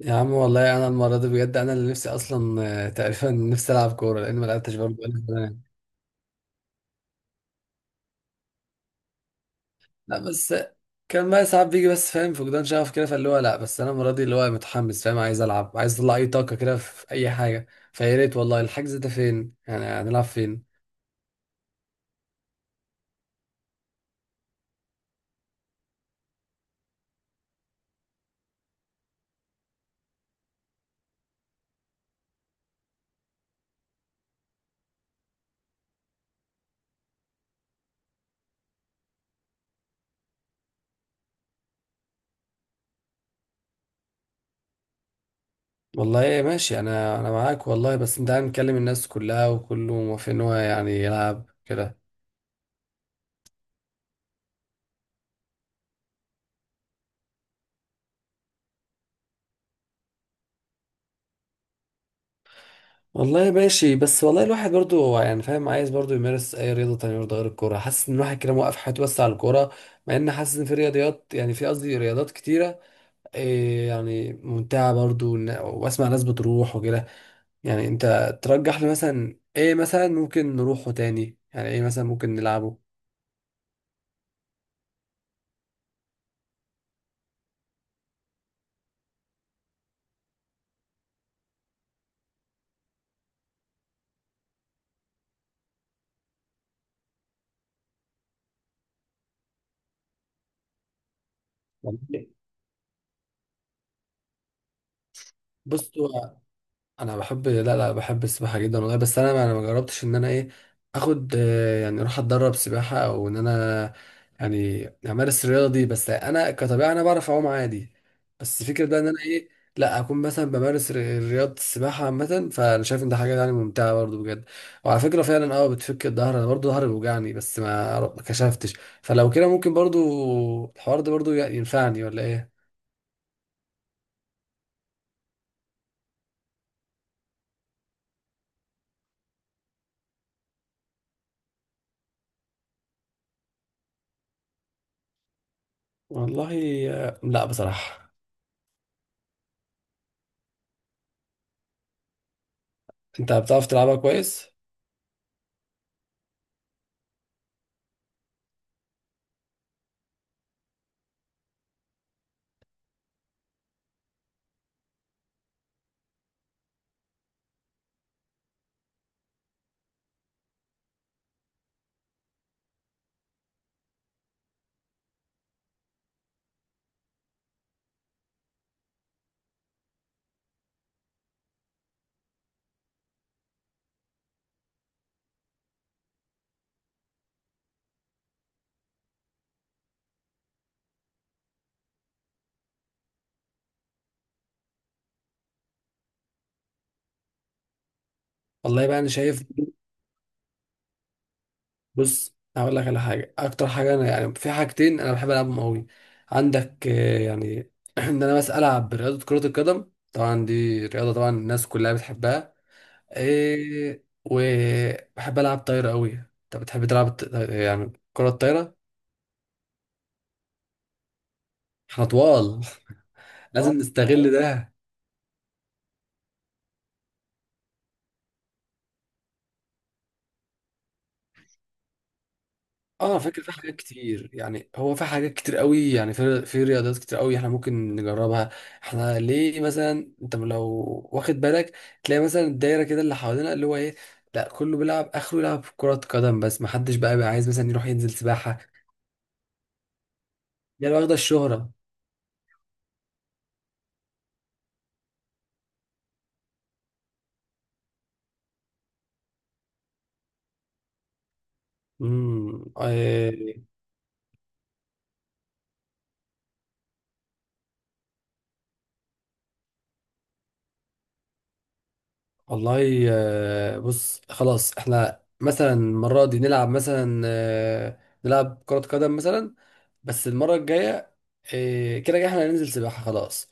يا عم، والله انا المره دي بجد انا اللي نفسي اصلا تقريبا نفسي العب كوره لان ما لعبتش برضه بقالي زمان. لا، بس كان بقى ساعات بيجي، بس فاهم فقدان شغف كده، فاللي هو لا بس انا المره دي اللي هو متحمس، فاهم، عايز العب، عايز اطلع اي طاقه كده في اي حاجه. فيا ريت والله، الحجز ده فين؟ يعني هنلعب فين؟ والله ماشي، انا معاك والله، بس انت عم مكلم الناس كلها وكله موافق ان هو يعني يلعب كده. والله ماشي، بس والله الواحد برضو هو يعني فاهم، عايز برضو يمارس اي رياضه تانية برضو غير الكوره، حاسس ان الواحد كده موقف حياته بس على الكوره. مع ان حاسس ان في رياضيات، يعني في قصدي رياضات كتيره. إيه يعني ممتعه برضو، واسمع ناس بتروح وكده. يعني انت ترجح لي مثلا ايه؟ مثلا ممكن نروحه، تاني يعني ايه مثلا ممكن نلعبه؟ بص، انا بحب، لا لا، بحب السباحه جدا والله، بس انا ما جربتش ان انا ايه، اخد يعني اروح اتدرب سباحه، او ان انا يعني امارس الرياضه دي، بس انا كطبيعه انا بعرف اعوم عادي. بس فكره بقى ان انا ايه، لا اكون مثلا بمارس رياضه السباحه عامه، فانا شايف ان ده حاجه يعني ممتعه برضو بجد. وعلى فكره فعلا، اه بتفك الظهر، انا برضو ظهري بيوجعني، بس ما كشفتش. فلو كده ممكن برضو الحوار ده برضو ينفعني ولا ايه؟ والله، لا بصراحه. انت بتعرف تلعبها كويس؟ والله بقى انا شايف. بص، هقول لك على حاجه، اكتر حاجه انا يعني في حاجتين انا بحب العبهم قوي. عندك يعني ان انا بس العب رياضه كره القدم، طبعا دي رياضه طبعا الناس كلها بتحبها. إيه، وبحب العب طايره قوي. انت بتحب تلعب يعني كره الطايره؟ احنا طوال لازم اه نستغل ده. اه فكرة، في حاجات كتير يعني، هو في حاجات كتير قوي يعني، في رياضات كتير قوي احنا ممكن نجربها. احنا ليه مثلا؟ انت لو واخد بالك تلاقي مثلا الدايرة كده اللي حوالينا اللي هو ايه، لا كله بيلعب اخره يلعب كرة قدم، بس محدش بقى عايز مثلا يروح ينزل سباحة. يعني واخدة الشهرة. امم. آه. والله بص، خلاص احنا مثلا المرة دي نلعب مثلا نلعب كرة قدم مثلا. بس المرة الجاية كده كده احنا هننزل سباحة، خلاص.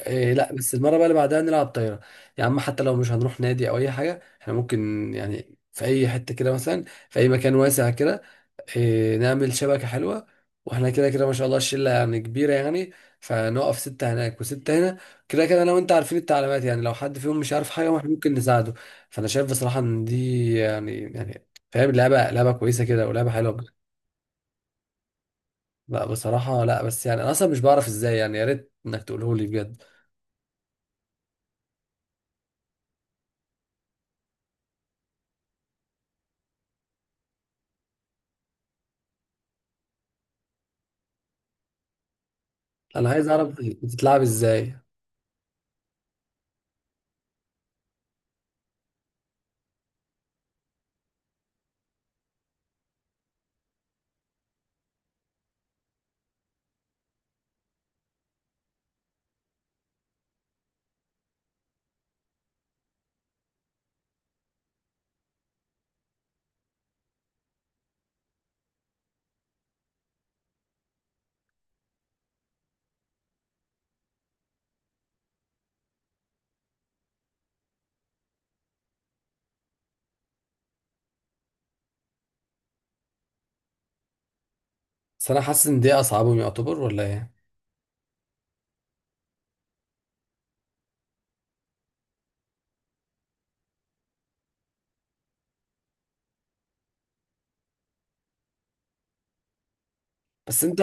إيه، لا بس المرة بقى اللي بعدها نلعب طايرة. يا عم، حتى لو مش هنروح نادي أو أي حاجة احنا ممكن يعني في أي حتة كده، مثلا في أي مكان واسع كده. إيه، نعمل شبكة حلوة. واحنا كده كده ما شاء الله الشلة يعني كبيرة يعني. فنقف ستة هناك وستة هنا. كده كده أنا وأنت عارفين التعليمات، يعني لو حد فيهم مش عارف حاجة واحنا ممكن نساعده. فأنا شايف بصراحة إن دي يعني فاهم، لعبة لعبة كويسة كده، ولعبة حلوة. لا بصراحة، لا بس يعني أنا أصلا مش بعرف إزاي، يعني يا ريت إنك تقوله لي بجد. أنا عايز أعرف بتتلعب إزاي. بس انا حاسس ان دي اصعبهم يعتبر، ولا ايه؟ بس انت،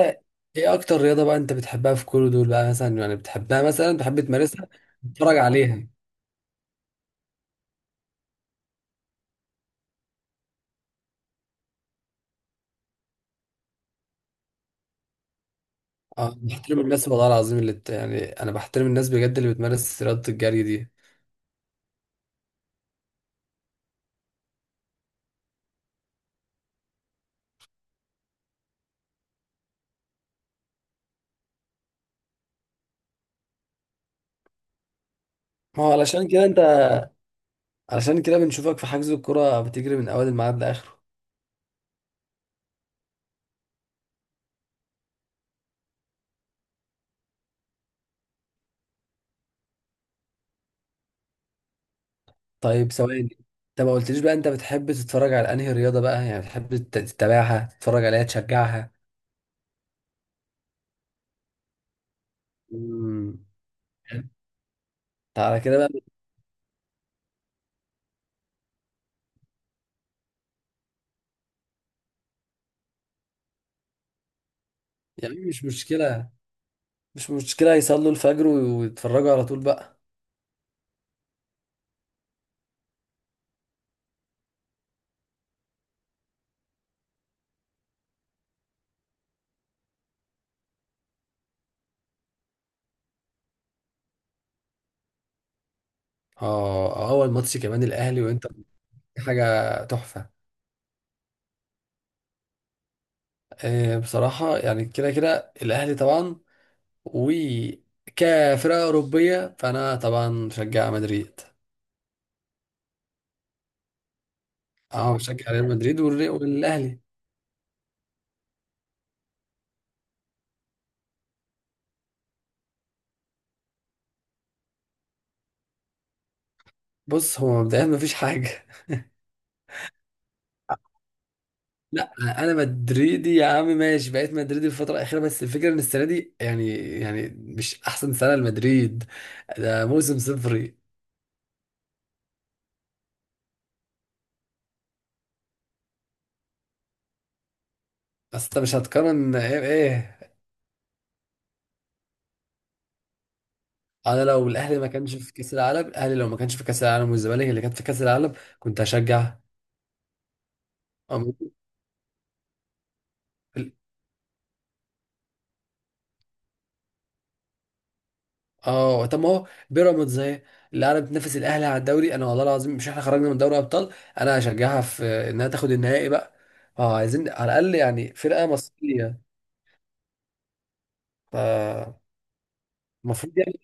ايه اكتر رياضه بقى انت بتحبها في كل دول بقى مثلا؟ يعني بتحبها مثلا، بتحب تمارسها؟ بتتفرج عليها؟ اه، بحترم الناس والله العظيم اللي يعني انا بحترم الناس بجد اللي بتمارس رياضه الجري دي. ما هو علشان كده انت، علشان كده بنشوفك في حجز الكرة بتجري من اول الميعاد لاخره. طيب ثواني، انت ما قلتليش بقى انت بتحب تتفرج على انهي رياضه بقى؟ يعني بتحب تتابعها تتفرج عليها تشجعها؟ امم على كده بقى، يعني مش مشكلة يصلوا الفجر ويتفرجوا على طول بقى. اه، اول ماتش كمان الاهلي وانتر. حاجه تحفه. بصراحه يعني كده كده الاهلي طبعا. وكفرقه اوروبيه فانا طبعا بشجع مدريد. اه، بشجع ريال مدريد والاهلي. بص، هو مبدئيا مفيش حاجه. لا، انا مدريدي يا عم، ماشي بقيت مدريدي الفتره الاخيره، بس الفكره ان السنه دي يعني. يعني مش احسن سنه لمدريد. ده موسم صفري. بس انت مش هتقارن ايه بايه؟ انا لو الاهلي ما كانش في كاس العالم الاهلي لو ما كانش في كاس العالم والزمالك اللي كانت في كاس العالم كنت هشجع. أم- اه طب ما هو بيراميدز اهي اللي قاعده بتنافس الاهلي على الدوري، انا والله العظيم مش احنا خرجنا من دوري ابطال. انا هشجعها في انها تاخد النهائي بقى. اه، عايزين على الاقل يعني فرقه مصريه. فالمفروض يعني.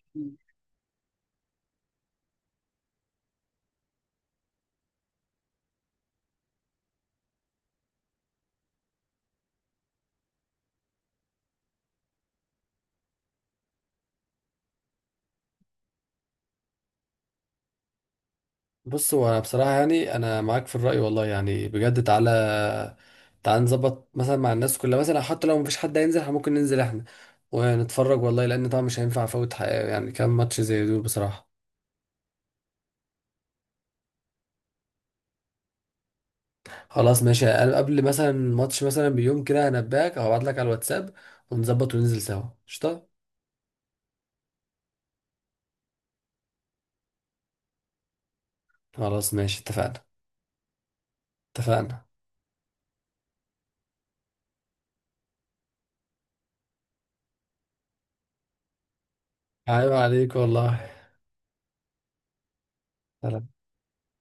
بص، هو أنا بصراحة يعني أنا معاك في الرأي والله، يعني بجد تعالى تعالى نظبط مثلا مع الناس كلها مثلا، حتى لو مفيش حد هينزل إحنا ممكن ننزل إحنا. ونتفرج والله، لأن طبعا مش هينفع أفوت حقيقة يعني كام ماتش زي دول بصراحة. خلاص ماشي، أنا قبل مثلا ماتش مثلا بيوم كده هنباك أو هبعتلك على الواتساب. ونظبط وننزل سوا قشطة. خلاص ماشي، اتفقنا. اتفقنا. عيب عليك والله. سلام.